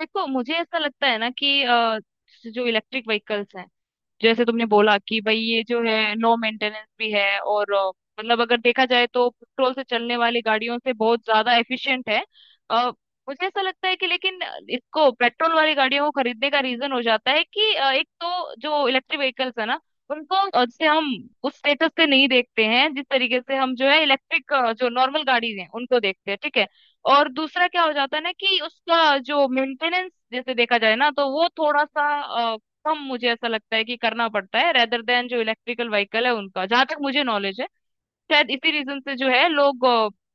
देखो मुझे ऐसा लगता है ना कि जो इलेक्ट्रिक व्हीकल्स हैं जैसे तुमने बोला कि भाई ये जो है लो मेंटेनेंस भी है और मतलब अगर देखा जाए तो पेट्रोल से चलने वाली गाड़ियों से बहुत ज्यादा एफिशिएंट है। अ, मुझे ऐसा लगता है कि लेकिन इसको पेट्रोल वाली गाड़ियों को खरीदने का रीजन हो जाता है कि एक तो जो इलेक्ट्रिक व्हीकल्स है ना उनको, जैसे हम उस स्टेटस से नहीं देखते हैं जिस तरीके से हम जो है इलेक्ट्रिक जो नॉर्मल गाड़ी हैं उनको देखते हैं, ठीक है। और दूसरा क्या हो जाता है ना कि उसका जो मेंटेनेंस जैसे देखा जाए ना तो वो थोड़ा सा हम, मुझे ऐसा लगता है कि करना पड़ता है रेदर देन जो इलेक्ट्रिकल व्हीकल है उनका, जहां तक मुझे नॉलेज है। शायद इसी रीजन से जो है लोग पेट्रोल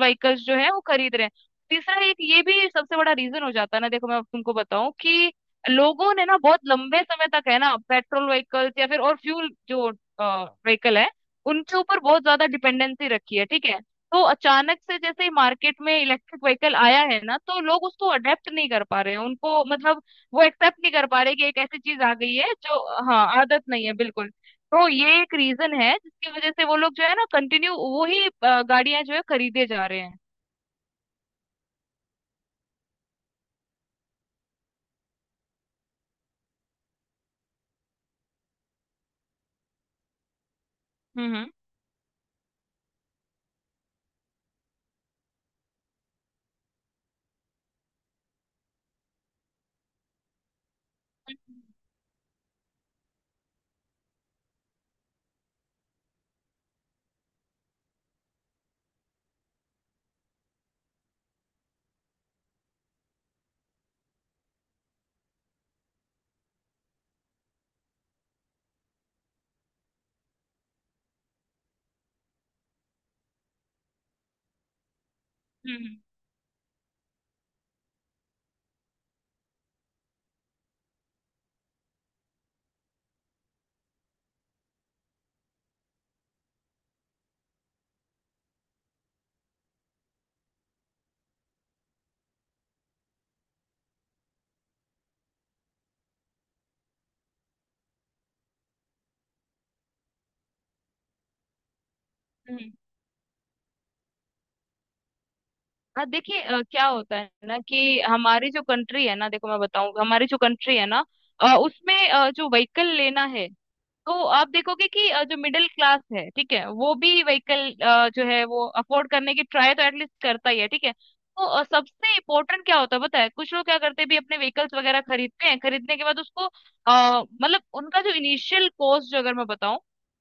व्हीकल्स जो है वो खरीद रहे हैं। तीसरा एक ये भी सबसे बड़ा रीजन हो जाता है ना, देखो मैं अब तुमको बताऊं कि लोगों ने ना बहुत लंबे समय तक है ना पेट्रोल व्हीकल्स या फिर और फ्यूल जो व्हीकल है उनके ऊपर बहुत ज्यादा डिपेंडेंसी रखी है, ठीक है। तो अचानक से जैसे ही मार्केट में इलेक्ट्रिक व्हीकल आया है ना तो लोग उसको अडेप्ट नहीं कर पा रहे हैं, उनको मतलब वो एक्सेप्ट नहीं कर पा रहे कि एक ऐसी चीज आ गई है जो, हाँ आदत नहीं है बिल्कुल। तो ये एक रीजन है जिसकी वजह से वो लोग जो है ना कंटिन्यू वही गाड़ियां जो है खरीदे जा रहे हैं। हम्म। हम्म। हम्म। हम्म। अब देखिए, क्या होता है ना कि हमारी जो कंट्री है ना, देखो मैं बताऊं हमारी जो कंट्री है ना, उसमें जो व्हीकल लेना है तो आप देखोगे कि जो मिडिल क्लास है, ठीक है, वो भी व्हीकल जो है वो अफोर्ड करने की ट्राई तो एटलीस्ट करता ही है, ठीक है। तो सबसे इम्पोर्टेंट क्या होता है पता है, कुछ लोग क्या करते हैं भी अपने व्हीकल्स वगैरह खरीदते हैं, खरीदने के बाद उसको, मतलब उनका जो इनिशियल कॉस्ट जो अगर मैं बताऊं,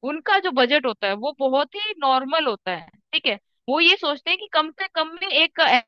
उनका जो बजट होता है वो बहुत ही नॉर्मल होता है, ठीक है। वो ये सोचते हैं कि कम से कम में एक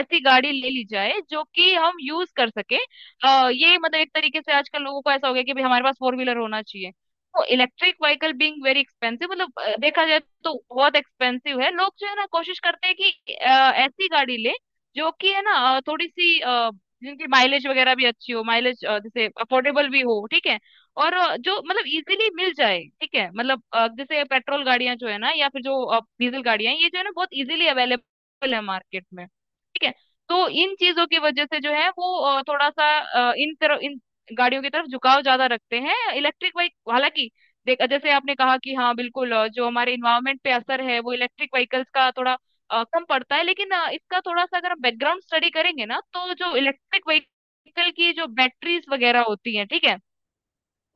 ऐसी गाड़ी ले ली जाए जो कि हम यूज कर सके। ये मतलब एक तरीके से आजकल लोगों को ऐसा हो गया कि भाई हमारे पास फोर व्हीलर होना चाहिए। तो electric vehicle being very expensive, मतलब देखा जाए तो बहुत एक्सपेंसिव है, लोग जो है ना कोशिश करते हैं कि ऐसी गाड़ी ले जो कि है ना, थोड़ी सी जिनकी माइलेज वगैरह भी अच्छी हो, माइलेज जैसे अफोर्डेबल भी हो, ठीक है। और जो मतलब इजीली मिल जाए, ठीक है, मतलब जैसे पेट्रोल गाड़ियां जो है ना या फिर जो डीजल गाड़ियां ये जो है ना बहुत इजीली अवेलेबल है मार्केट में, ठीक है। तो इन चीजों की वजह से जो है वो थोड़ा सा इन गाड़ियों की तरफ झुकाव ज्यादा रखते हैं। इलेक्ट्रिक बाइक हालांकि, देख जैसे आपने कहा कि हाँ बिल्कुल, जो हमारे इन्वायरमेंट पे असर है वो इलेक्ट्रिक व्हीकल्स का थोड़ा कम पड़ता है, लेकिन इसका थोड़ा सा अगर हम बैकग्राउंड स्टडी करेंगे ना तो जो इलेक्ट्रिक व्हीकल की जो बैटरीज वगैरह होती हैं, ठीक है,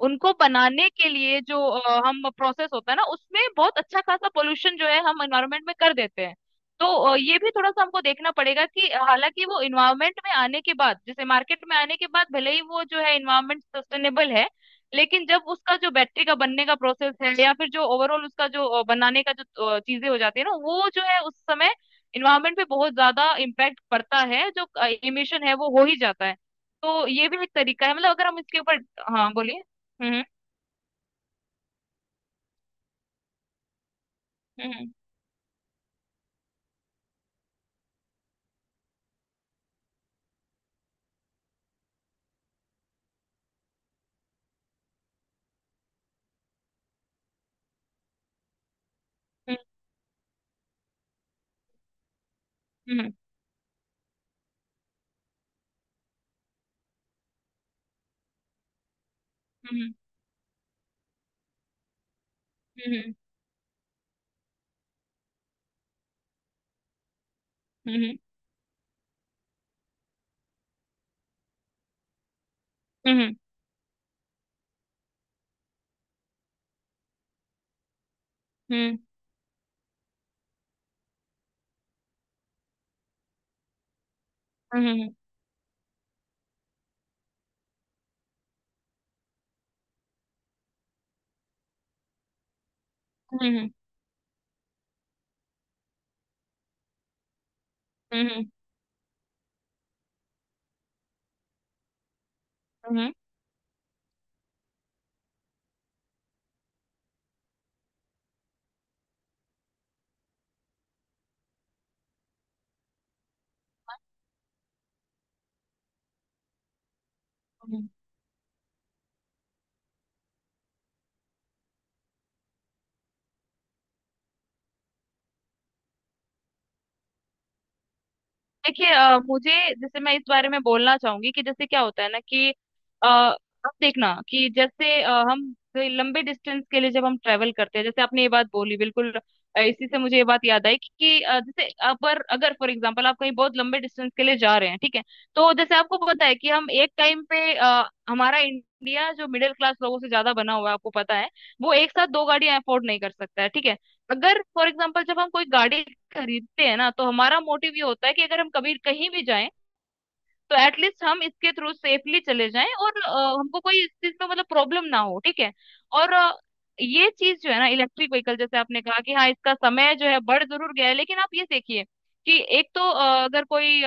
उनको बनाने के लिए जो हम प्रोसेस होता है ना उसमें बहुत अच्छा खासा पोल्यूशन जो है हम एनवायरमेंट में कर देते हैं। तो ये भी थोड़ा सा हमको देखना पड़ेगा कि हालांकि वो एनवायरमेंट में आने के बाद, जैसे मार्केट में आने के बाद भले ही वो जो है एनवायरमेंट सस्टेनेबल है, लेकिन जब उसका जो बैटरी का बनने का प्रोसेस है या फिर जो ओवरऑल उसका जो बनाने का जो चीजें हो जाती है ना वो जो है उस समय इन्वायरमेंट पे बहुत ज्यादा इम्पैक्ट पड़ता है, जो इमिशन है वो हो ही जाता है। तो ये भी एक तरीका है, मतलब अगर हम इसके ऊपर, हाँ बोलिए। हम्म। हम्म। हम्म। हम्म। हम्म। हम्म। हम्म। हम्म। हम्म। हम्म। हम्म। हम्म। हम्म। हम्म। हम्म। हम्म। देखिए, मुझे, जैसे मैं इस बारे में बोलना चाहूंगी कि जैसे क्या होता है ना कि आप देखना कि जैसे हम कोई लंबे डिस्टेंस के लिए जब हम ट्रेवल करते हैं, जैसे आपने ये बात बोली बिल्कुल। इसी से मुझे ये बात याद आई कि जैसे अगर अगर फॉर एग्जांपल आप कहीं बहुत लंबे डिस्टेंस के लिए जा रहे हैं, ठीक है। तो जैसे आपको पता है कि हम एक टाइम पे, हमारा इंडिया जो मिडिल क्लास लोगों से ज्यादा बना हुआ है आपको पता है, वो एक साथ दो गाड़ियां अफोर्ड नहीं कर सकता है, ठीक है। अगर फॉर एग्जाम्पल जब हम कोई गाड़ी खरीदते हैं ना तो हमारा मोटिव ये होता है कि अगर हम कभी कहीं भी जाएं तो एटलीस्ट हम इसके थ्रू सेफली चले जाएं और हमको कोई इस चीज में मतलब प्रॉब्लम ना हो, ठीक है। और ये चीज जो है ना इलेक्ट्रिक व्हीकल, जैसे आपने कहा कि हाँ इसका समय जो है बढ़ जरूर गया है, लेकिन आप ये देखिए कि एक तो अगर कोई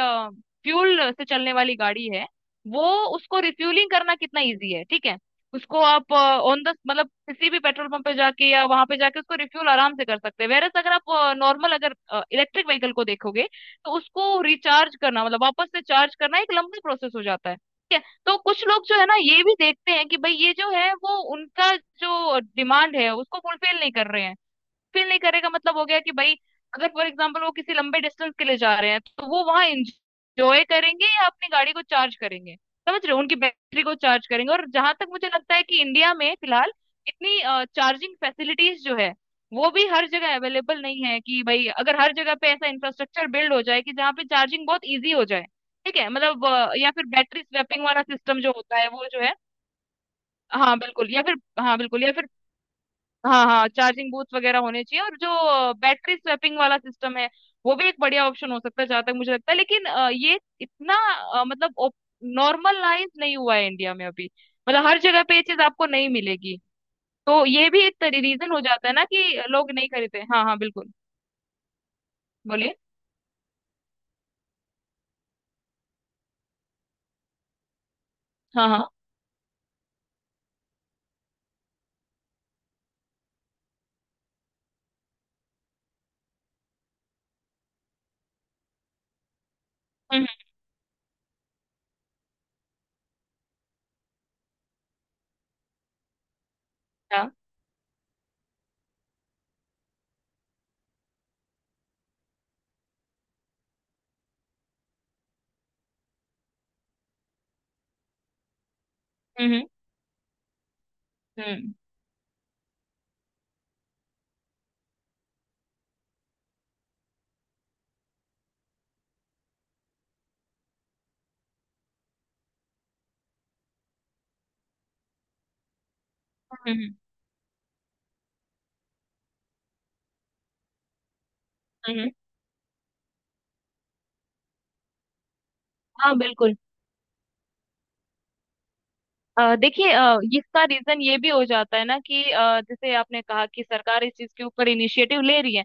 फ्यूल से चलने वाली गाड़ी है वो, उसको रिफ्यूलिंग करना कितना इजी है, ठीक है। उसको आप ऑन द, मतलब किसी भी पेट्रोल पंप पे जाके या वहां पे जाके उसको रिफ्यूल आराम से कर सकते हैं। वेरस अगर आप नॉर्मल, अगर इलेक्ट्रिक व्हीकल को देखोगे तो उसको रिचार्ज करना, मतलब वापस से चार्ज करना एक लंबा प्रोसेस हो जाता है, ठीक है। तो कुछ लोग जो है ना ये भी देखते हैं कि भाई ये जो है वो उनका जो डिमांड है उसको फुलफिल नहीं कर रहे हैं, फील नहीं करेगा, मतलब हो गया कि भाई अगर फॉर एग्जाम्पल वो किसी लंबे डिस्टेंस के लिए जा रहे हैं तो वो वहां एंजॉय करेंगे या अपनी गाड़ी को चार्ज करेंगे, समझ रहे हो, उनकी बैटरी को चार्ज करेंगे। और जहां तक मुझे लगता है कि इंडिया में फिलहाल इतनी चार्जिंग फैसिलिटीज जो है वो भी हर जगह अवेलेबल नहीं है। कि भाई अगर हर जगह पे ऐसा इंफ्रास्ट्रक्चर बिल्ड हो जाए कि जहाँ पे चार्जिंग बहुत इजी हो जाए, ठीक है, मतलब या फिर बैटरी स्वैपिंग वाला सिस्टम जो होता है वो जो है, हाँ बिल्कुल, या फिर हाँ बिल्कुल, या फिर, हाँ हाँ, चार्जिंग बूथ वगैरह होने चाहिए। और जो बैटरी स्वैपिंग वाला सिस्टम है वो भी एक बढ़िया ऑप्शन हो सकता है जहां तक मुझे लगता है, लेकिन ये इतना मतलब नॉर्मलाइज नहीं हुआ है इंडिया में अभी, मतलब हर जगह पे ये चीज आपको नहीं मिलेगी। तो ये भी एक रीजन हो जाता है ना कि लोग नहीं खरीदते। हाँ हाँ बिल्कुल। बोलिए। हाँ हाँ। हम्म। हम्म। हाँ। हम्म। हम्म। हम्म। हम्म। हम्म। हम्म। हाँ बिल्कुल। देखिए, इसका रीजन ये भी हो जाता है ना कि जैसे आपने कहा कि सरकार इस चीज के ऊपर इनिशिएटिव ले रही है।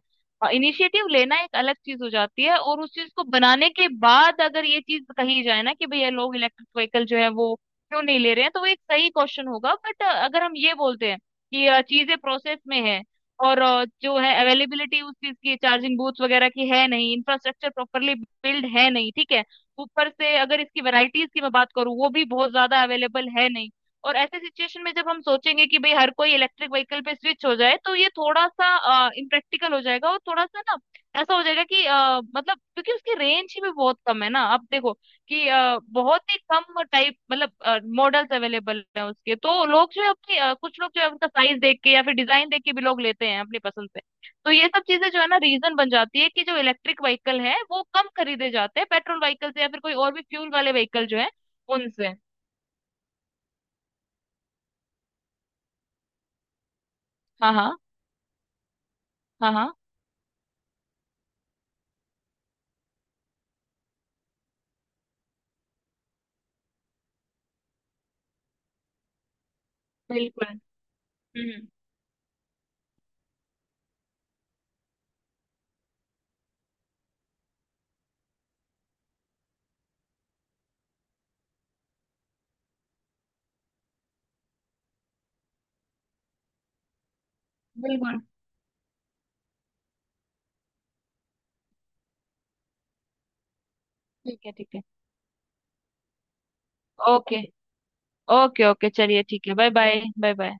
इनिशिएटिव लेना एक अलग चीज हो जाती है, और उस चीज को बनाने के बाद अगर ये चीज कही जाए ना कि भैया लोग इलेक्ट्रिक व्हीकल जो है वो क्यों नहीं ले रहे हैं, तो वो एक सही क्वेश्चन होगा। बट अगर हम ये बोलते हैं कि चीजें प्रोसेस में है, और जो है अवेलेबिलिटी उस चीज की चार्जिंग बूथ वगैरह की है नहीं, इंफ्रास्ट्रक्चर प्रॉपरली बिल्ड है नहीं, ठीक है। ऊपर से अगर इसकी वैरायटीज की मैं बात करूँ वो भी बहुत ज्यादा अवेलेबल है नहीं। और ऐसे सिचुएशन में जब हम सोचेंगे कि भाई हर कोई इलेक्ट्रिक व्हीकल पे स्विच हो जाए तो ये थोड़ा सा इम्प्रैक्टिकल हो जाएगा, और थोड़ा सा ना ऐसा हो जाएगा कि मतलब क्योंकि उसकी रेंज ही भी बहुत कम है ना आप देखो, कि बहुत ही कम टाइप, मतलब मॉडल्स अवेलेबल है उसके, तो लोग जो है अपनी कुछ लोग जो है उनका साइज देख के या फिर डिजाइन देख के भी लोग लेते हैं अपनी पसंद से। तो ये सब चीजें जो है ना रीजन बन जाती है कि जो इलेक्ट्रिक व्हीकल है वो कम खरीदे जाते हैं पेट्रोल व्हीकल से या फिर कोई और भी फ्यूल वाले व्हीकल जो है, उनसे। हाँ हाँ। हाँ हाँ बिल्कुल। हम्म। बिल्कुल। ठीक है। ठीक है। ओके। ओके ओके चलिए ठीक है बाय बाय बाय बाय।